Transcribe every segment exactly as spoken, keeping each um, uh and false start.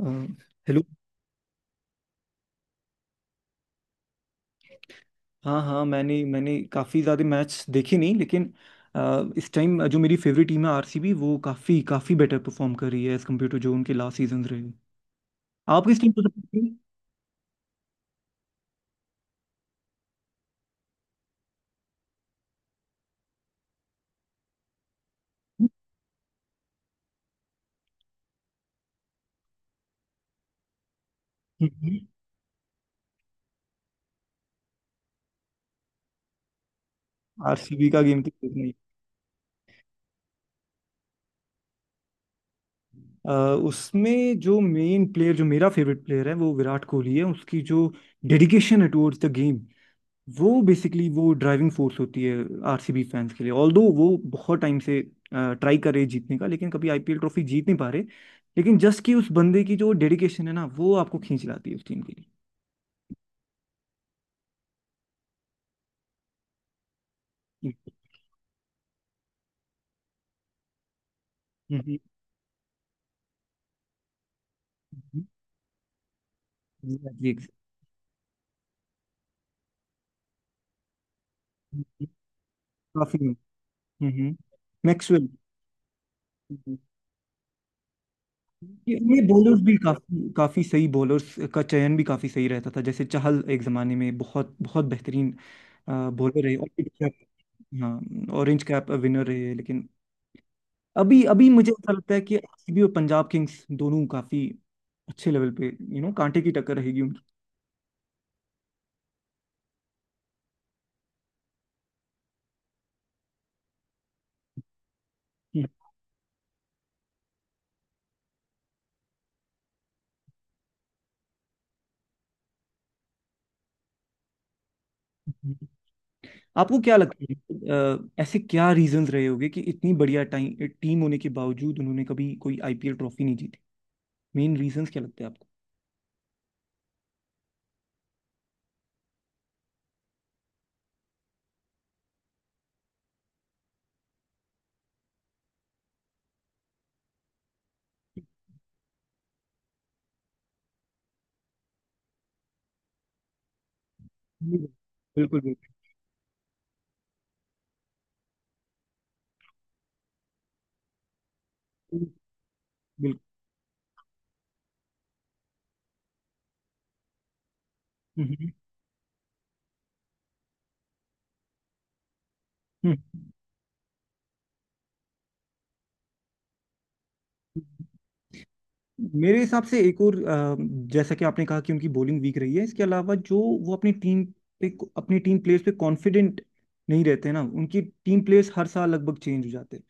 अ, hello. हाँ हाँ, मैंने मैंने काफ़ी ज़्यादा मैच देखे नहीं लेकिन अ, इस टाइम जो मेरी फेवरेट टीम है आर सी बी, वो काफ़ी काफ़ी बेटर परफॉर्म कर रही है एज़ कम्पेयर टू जो उनके लास्ट सीजन रहे। आप किस टीम को सपोर्ट? आरसीबी का गेम तो देखना ही। अ, उसमें जो मेन प्लेयर, जो मेरा फेवरेट प्लेयर है, वो विराट कोहली है। उसकी जो डेडिकेशन है टुवर्ड्स द गेम, वो बेसिकली वो ड्राइविंग फोर्स होती है आरसीबी फैंस के लिए। ऑल्दो वो बहुत टाइम से ट्राई कर रहे हैं जीतने का, लेकिन कभी आई पी एल ट्रॉफी जीत नहीं पा रहे। लेकिन जस्ट कि उस बंदे की जो डेडिकेशन है ना, वो आपको खींच लाती है उस टीम के लिए। हम्म, हम्म, हम्म, exactly। काफी। हम्म। मैक्सवेल। ये ये बॉलर्स भी, काफी काफी सही बॉलर्स का चयन भी काफी सही रहता था। जैसे चहल एक जमाने में बहुत बहुत बेहतरीन बॉलर रहे और, हाँ, ऑरेंज कैप विनर रहे। लेकिन अभी अभी मुझे ऐसा लगता है कि आरसीबी और पंजाब किंग्स दोनों काफी अच्छे लेवल पे, यू नो, कांटे की टक्कर रहेगी उनकी। हम्म। आपको क्या लगता है, अ, ऐसे क्या रीजंस रहे होंगे कि इतनी बढ़िया टाइम टीम होने के बावजूद उन्होंने कभी कोई आईपीएल ट्रॉफी नहीं जीती? मेन रीजंस क्या लगते हैं आपको? बिल्कुल बिल्कुल बिल्कुल। हम्म, हम्म, मेरे हिसाब से एक और, अ, जैसा कि आपने कहा कि उनकी बॉलिंग वीक रही है, इसके अलावा जो वो अपनी टीम पे, अपनी टीम प्लेयर्स पे कॉन्फिडेंट नहीं रहते ना। उनकी टीम प्लेयर्स हर साल लगभग चेंज हो जाते हैं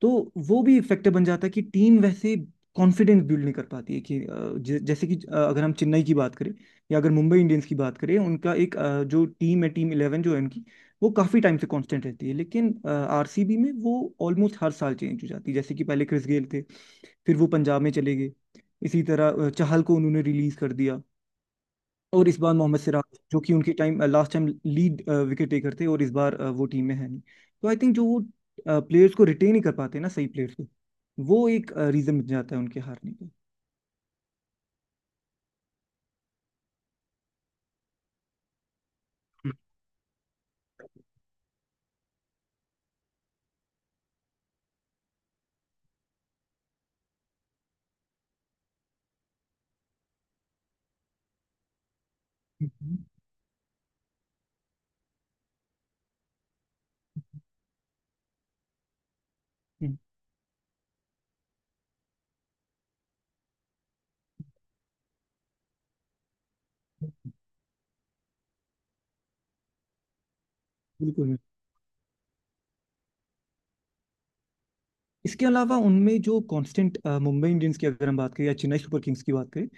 तो वो भी फैक्टर बन जाता है कि टीम वैसे कॉन्फिडेंस बिल्ड नहीं कर पाती है कि अ, ज- जैसे कि अ, अगर हम चेन्नई की बात करें, या अगर मुंबई इंडियंस की बात करें, उनका एक अ, जो टीम है, टीम इलेवन जो है उनकी, वो काफ़ी टाइम से कांस्टेंट रहती है। लेकिन आरसीबी में वो ऑलमोस्ट हर साल चेंज हो जाती है। जैसे कि पहले क्रिस गेल थे, फिर वो पंजाब में चले गए। इसी तरह अ, चहल को उन्होंने रिलीज कर दिया। और इस बार मोहम्मद सिराज, जो कि उनके time last time lead wicket taker थे, और इस बार अ, वो टीम में है नहीं। तो आई थिंक जो वो प्लेयर्स को रिटेन ही कर पाते हैं ना, सही प्लेयर्स को, वो एक रीजन बन जाता है उनके हारने का। हम्म, हम्म, बिल्कुल। इसके अलावा उनमें जो कांस्टेंट, मुंबई इंडियंस की अगर हम बात करें या चेन्नई सुपर किंग्स की बात करें,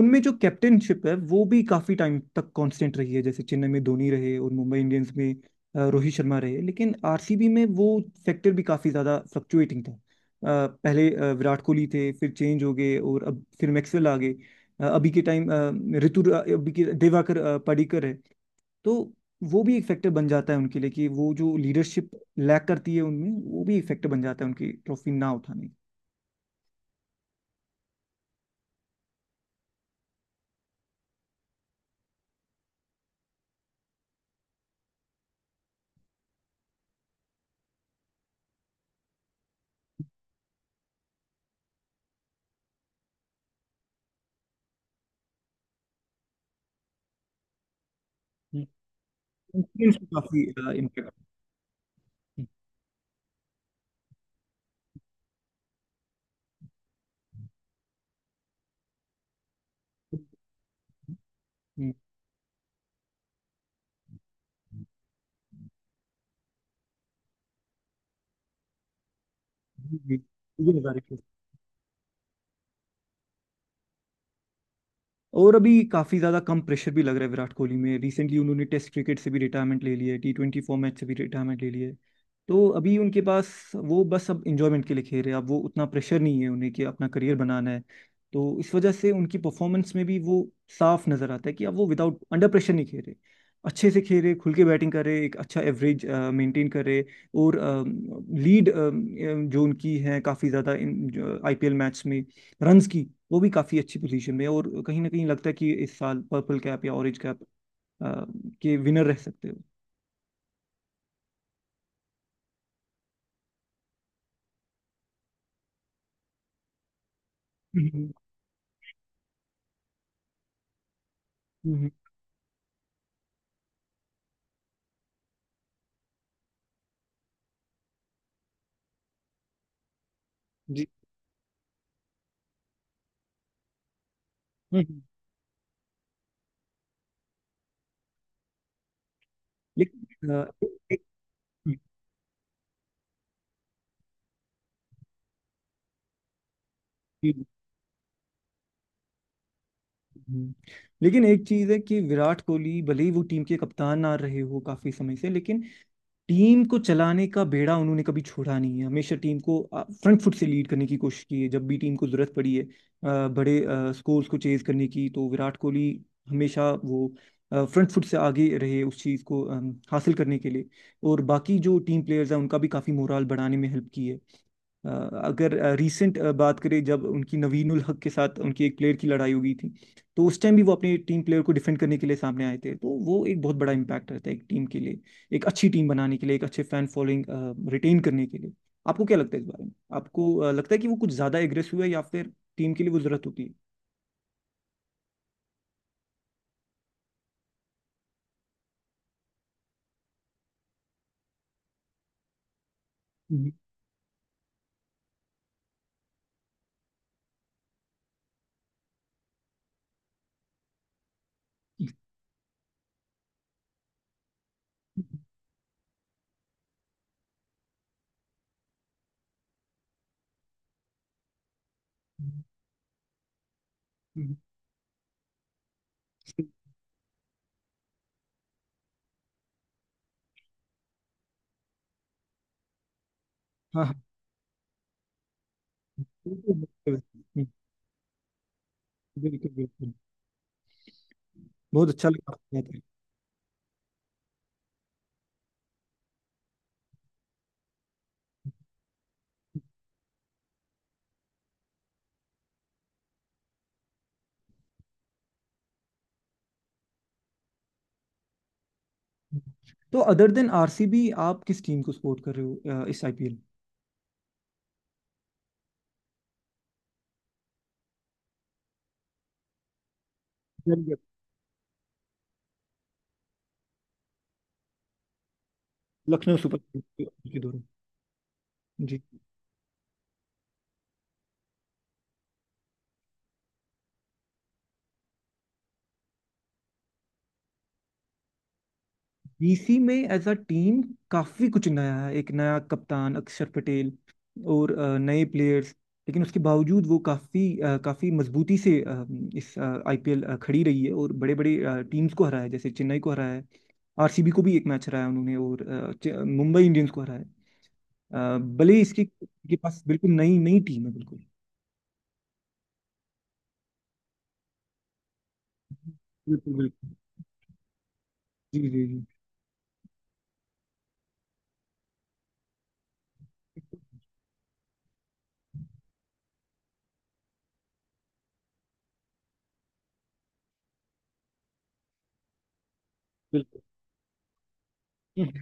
उनमें जो कैप्टनशिप है वो भी काफी टाइम तक कांस्टेंट रही है। जैसे चेन्नई में धोनी रहे और मुंबई इंडियंस में अ, रोहित शर्मा रहे। लेकिन आरसीबी में वो फैक्टर भी काफी ज्यादा फ्लक्चुएटिंग था। अ, पहले अ, विराट कोहली थे, फिर चेंज हो गए और अब फिर मैक्सवेल आ गए। अ, अभी के टाइम अ, ऋतु अभी के दिवाकर अ, पडिक्कर है। तो वो भी एक फैक्टर बन जाता है उनके लिए कि वो जो लीडरशिप लैक करती है उनमें, वो भी एक फैक्टर बन जाता है उनकी ट्रॉफी ना उठाने का। हम्म। Confidence पे काफी इम्पैक्ट। जी, ये बात है। और अभी काफी ज्यादा कम प्रेशर भी लग रहा है विराट कोहली में। रिसेंटली उन्होंने टेस्ट क्रिकेट से भी रिटायरमेंट ले लिया है, टी ट्वेंटी फॉर्मेट से भी रिटायरमेंट ले लिया है। तो अभी उनके पास, वो बस अब इंजॉयमेंट के लिए खेल रहे हैं। अब वो उतना प्रेशर नहीं है उन्हें कि अपना करियर बनाना है। तो इस वजह से उनकी परफॉर्मेंस में भी वो साफ नजर आता है कि अब वो विदाउट अंडर प्रेशर नहीं खेल रहे, अच्छे से खेल रहे, खुल के बैटिंग कर रहे, एक अच्छा एवरेज मेंटेन कर रहे। और लीड जो उनकी है काफ़ी ज़्यादा इन आईपीएल मैच में रन्स की, वो भी काफ़ी अच्छी पोजीशन में है। और कहीं ना कहीं लगता है कि इस साल पर्पल कैप या ऑरेंज कैप आ, के विनर रह सकते हो। हम्म, हम्म, जी, हम्म। लेकिन अ, एक- जी, हम्म। लेकिन एक चीज है कि विराट कोहली भले ही वो टीम के कप्तान ना रहे हो काफी समय से, लेकिन टीम को चलाने का बेड़ा उन्होंने कभी छोड़ा नहीं है। हमेशा टीम को फ्रंट फुट से लीड करने की कोशिश की है, जब भी टीम को जरूरत पड़ी है अ, बड़े स्कोर्स को चेज करने की, तो विराट कोहली हमेशा वो फ्रंट फुट से आगे रहे उस चीज़ को अम, हासिल करने के लिए। और बाकी जो टीम प्लेयर्स हैं उनका भी काफ़ी मोराल बढ़ाने में हेल्प की है। अ, अगर रीसेंट बात करें, जब उनकी नवीनुल हक के साथ उनकी एक प्लेयर की लड़ाई हो गई थी, तो उस टाइम भी वो अपनी टीम प्लेयर को डिफेंड करने के लिए सामने आए थे। तो वो एक बहुत बड़ा इम्पैक्ट रहता है एक टीम के लिए, एक अच्छी टीम बनाने के लिए, एक अच्छे फैन फॉलोइंग रिटेन करने के लिए। आपको क्या लगता है इस बारे में? आपको अ, लगता है कि वो कुछ ज्यादा एग्रेसिव है या फिर टीम के लिए वो जरूरत होती है? हाँ हाँ, बिल्कुल बिल्कुल बिल्कुल। बहुत अच्छा लगा आपसे बात करके। तो अदर देन आरसीबी, आप किस टीम को सपोर्ट कर रहे हो अ, इस IPL? Very good. Lucknow Super Kings के दौरान। जी। बी सी में एज अ टीम काफी कुछ नया है। एक नया कप्तान अक्षर पटेल और अ, नए प्लेयर्स। लेकिन उसके बावजूद वो काफी अ, काफी मजबूती से अ, इस आईपीएल खड़ी रही है, और बड़े बड़े टीम्स को हराया है। जैसे चेन्नई को हराया है, आरसीबी को भी एक मैच हराया उन्होंने, और अ, चे- मुंबई इंडियंस को हराया है। अ, भले इसके के पास बिल्कुल नई नई टीम है। बिल्कुल बिल्कुल बिल्कुल। जी जी जी। बिल्कुल।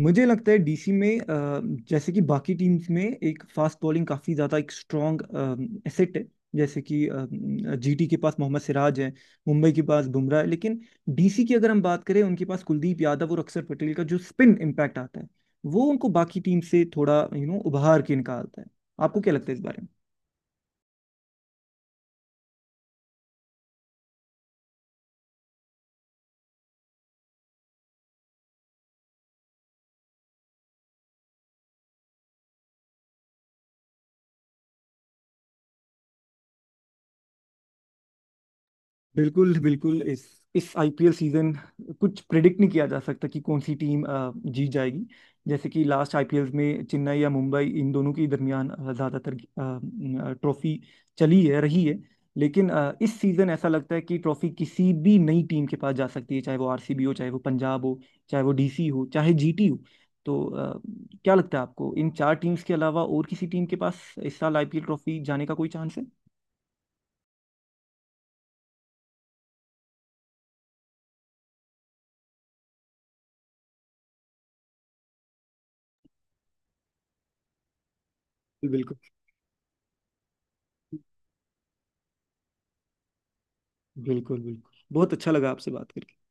मुझे लगता है डी सी में, अ, जैसे कि बाकी टीम्स में एक फास्ट बॉलिंग काफ़ी ज़्यादा एक स्ट्रॉन्ग एसेट है। जैसे कि जी टी के पास मोहम्मद सिराज है, मुंबई के पास बुमराह है। लेकिन डीसी की अगर हम बात करें, उनके पास कुलदीप यादव और अक्षर पटेल का जो स्पिन इम्पैक्ट आता है, वो उनको बाकी टीम से थोड़ा, यू नो, उभार के निकालता है। आपको क्या लगता है इस बारे में? बिल्कुल बिल्कुल। इस इस आईपीएल सीजन कुछ प्रिडिक्ट नहीं किया जा सकता कि कौन सी टीम अ, जीत जाएगी। जैसे कि लास्ट आईपीएल में चेन्नई या मुंबई, इन दोनों के दरमियान अ, ज्यादातर अ, ट्रॉफी चली है रही है। लेकिन अ, इस सीजन ऐसा लगता है कि ट्रॉफी किसी भी नई टीम के पास जा सकती है, चाहे वो आरसीबी हो, चाहे वो पंजाब हो, चाहे वो डीसी हो, चाहे जीटी हो। तो अ, क्या लगता है आपको इन चार टीम्स के अलावा और किसी टीम के पास इस साल आईपीएल ट्रॉफी जाने का कोई चांस है? बिल्कुल बिल्कुल बिल्कुल। बहुत अच्छा लगा आपसे बात करके।